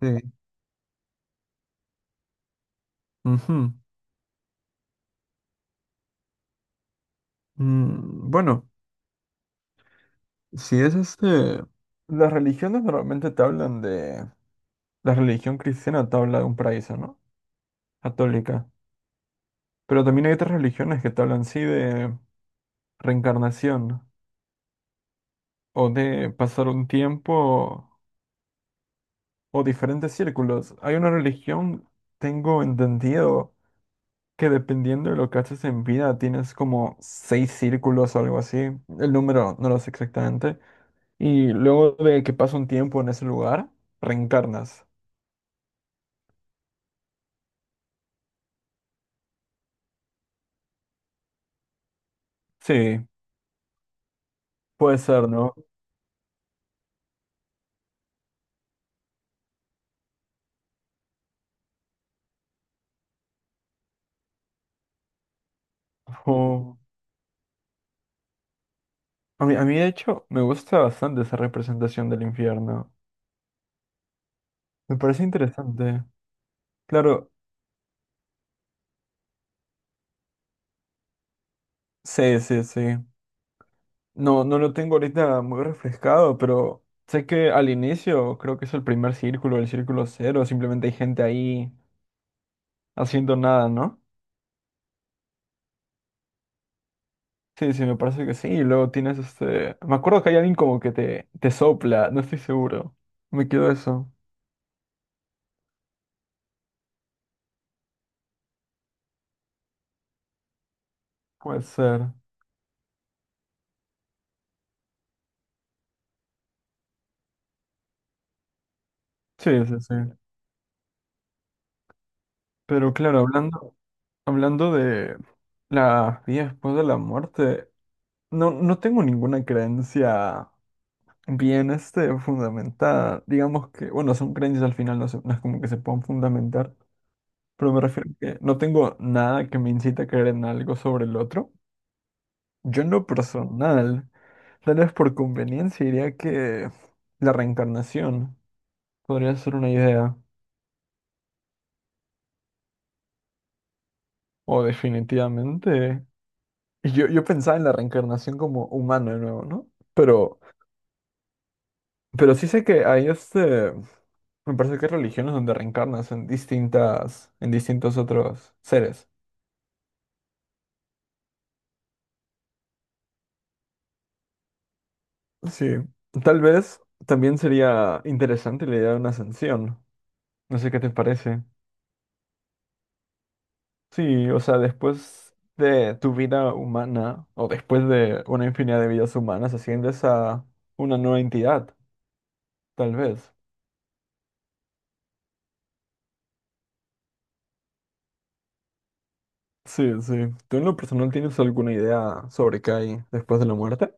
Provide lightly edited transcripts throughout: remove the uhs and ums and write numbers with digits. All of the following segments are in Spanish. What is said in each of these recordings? Sí. Ujú. Bueno, si es las religiones normalmente te hablan de... La religión cristiana te habla de un paraíso, ¿no? Católica. Pero también hay otras religiones que te hablan, sí, de reencarnación, o de pasar un tiempo o diferentes círculos. Hay una religión, tengo entendido, que dependiendo de lo que haces en vida, tienes como seis círculos o algo así. El número no lo sé exactamente. Y luego de que pasa un tiempo en ese lugar, reencarnas. Sí, puede ser, ¿no? O- a mí, de hecho, me gusta bastante esa representación del infierno. Me parece interesante. Claro, sí, sí, sí. No, no lo tengo ahorita muy refrescado, pero sé que al inicio creo que es el primer círculo, el círculo cero. Simplemente hay gente ahí haciendo nada, ¿no? Sí, sí, me parece que sí. Y luego tienes me acuerdo que hay alguien como que te sopla, no estoy seguro. Me quedo eso. Puede ser. Sí, sí, sí. Pero claro, hablando de la vida después de la muerte, no, no tengo ninguna creencia bien fundamentada. Digamos que, bueno, son creencias al final, no, no es como que se puedan fundamentar, pero me refiero a que no tengo nada que me incite a creer en algo sobre el otro. Yo en lo personal, tal vez por conveniencia, diría que la reencarnación podría ser una idea, o definitivamente. Yo pensaba en la reencarnación como humano de nuevo, ¿no? Pero, pero sí sé que hay me parece que hay religiones donde reencarnas en en distintos otros seres. Sí. Tal vez también sería interesante la idea de una ascensión. No sé qué te parece. Sí, o sea, después de tu vida humana o después de una infinidad de vidas humanas, asciendes a una nueva entidad, tal vez. Sí, sí. ¿Tú en lo personal tienes alguna idea sobre qué hay después de la muerte?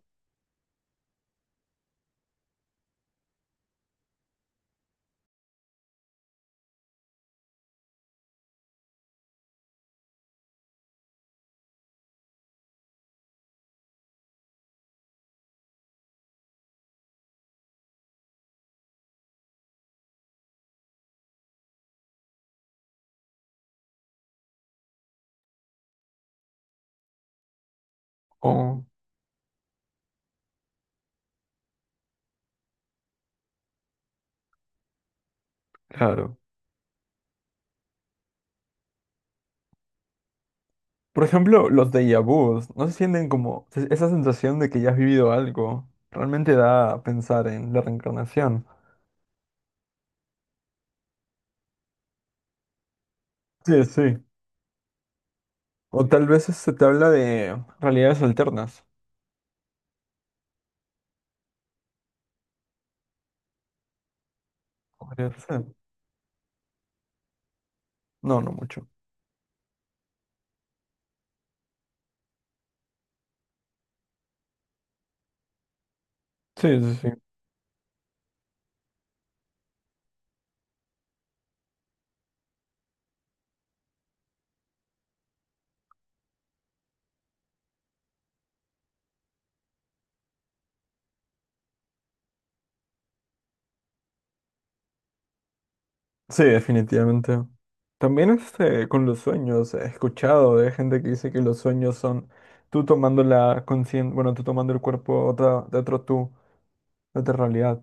O, claro. Por ejemplo, los déjà vus, ¿no se sienten como esa sensación de que ya has vivido algo? Realmente da a pensar en la reencarnación. Sí, sí. O tal vez se te habla de realidades alternas. Podría ser. No, no mucho. Sí, sí, sí. Sí, definitivamente. También con los sueños, he escuchado de gente que dice que los sueños son tú tomando la conciencia, bueno, tú tomando el cuerpo de de otro tú, de otra realidad.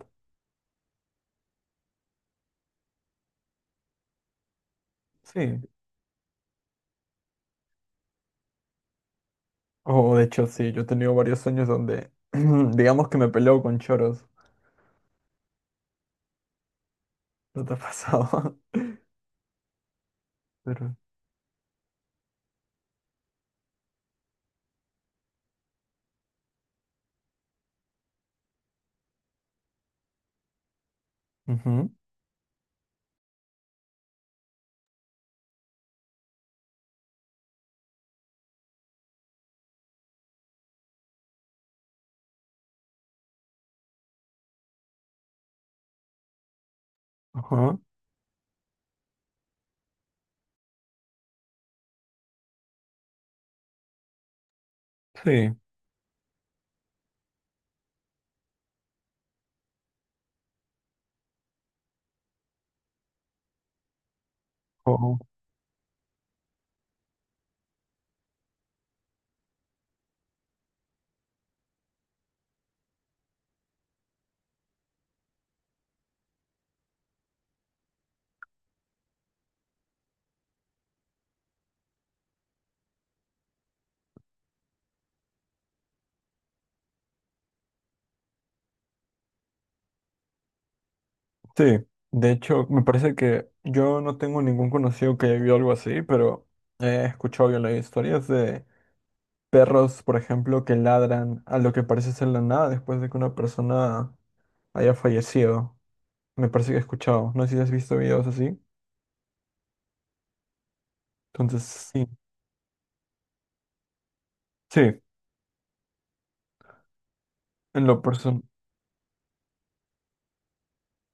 Sí. O de hecho, sí, yo he tenido varios sueños donde, digamos que me peleo con choros. ¿No te ha pasado? Pero... ujú, ajá, sí. O- sí. De hecho, me parece que yo no tengo ningún conocido que haya vivido algo así, pero he escuchado yo las historias de perros, por ejemplo, que ladran a lo que parece ser la nada después de que una persona haya fallecido. Me parece que he escuchado. No sé si has visto videos así. Entonces, sí. Sí, en lo person-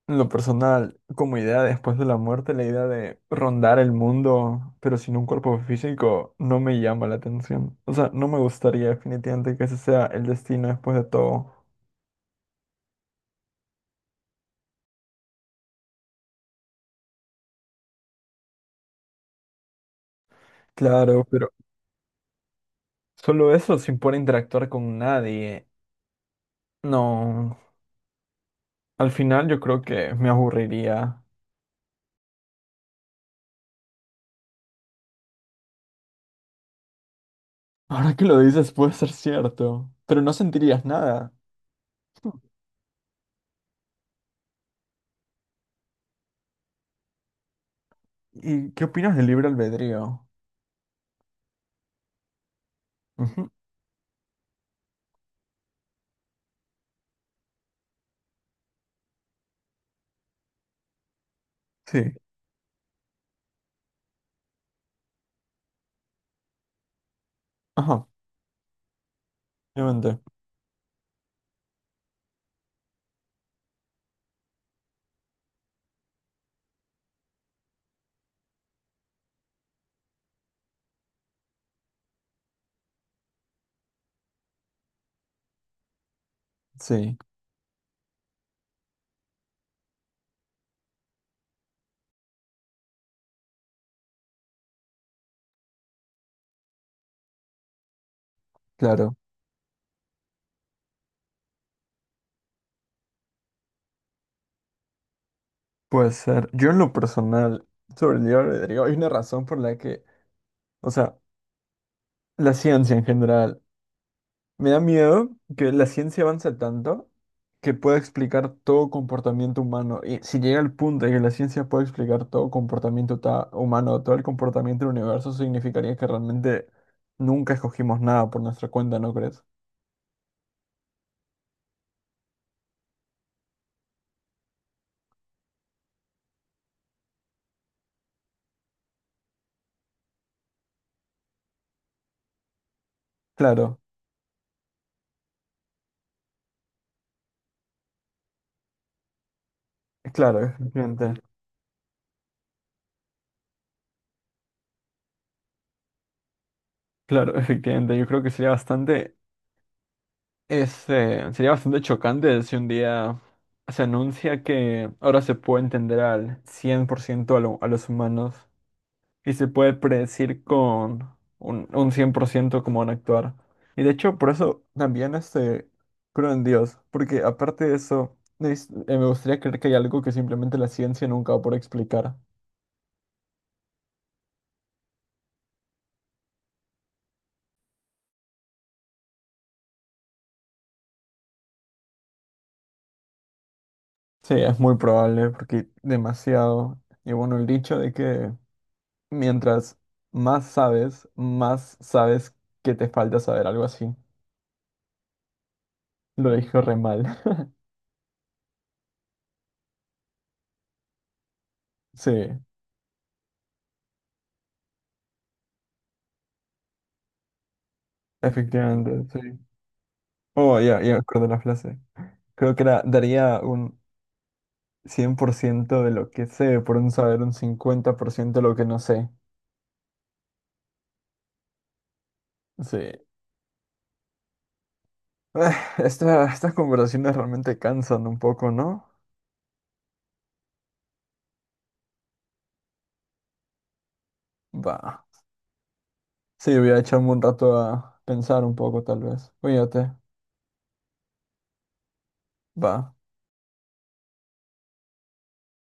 en lo personal, como idea después de la muerte, la idea de rondar el mundo, pero sin un cuerpo físico, no me llama la atención. O sea, no me gustaría definitivamente que ese sea el destino después de todo. Claro, pero solo eso sin poder interactuar con nadie. No. Al final yo creo que me aburriría. Ahora que lo dices puede ser cierto, pero no sentirías nada. ¿Y qué opinas del libre albedrío? Ujú, sí. Ajá, obviamente. Sí, claro. Puede ser. Yo en lo personal, sobre el libre albedrío, hay una razón por la que, o sea, la ciencia en general me da miedo, que la ciencia avance tanto que pueda explicar todo comportamiento humano. Y si llega el punto de que la ciencia pueda explicar todo comportamiento humano, todo el comportamiento del universo, significaría que realmente nunca escogimos nada por nuestra cuenta, ¿no crees? Claro, claro, efectivamente. Claro, efectivamente. Yo creo que sería bastante, sería bastante chocante si un día se anuncia que ahora se puede entender al 100% a los humanos. Y se puede predecir con un 100% cómo van a actuar. Y de hecho, por eso también creo en Dios, porque aparte de eso, me gustaría creer que hay algo que simplemente la ciencia nunca va a poder explicar. Sí, es muy probable, porque demasiado. Y bueno, el dicho de que mientras más sabes que te falta saber, algo así. Lo dijo re mal. Sí, efectivamente, sí. Oh, ya, ya me acuerdo la frase. Creo que era, daría un 100% de lo que sé, por un saber un 50% de lo que no sé. Sí. Ah, estas conversaciones realmente cansan un poco, ¿no? Va. Sí, voy a echarme un rato a pensar un poco, tal vez. Cuídate. Va.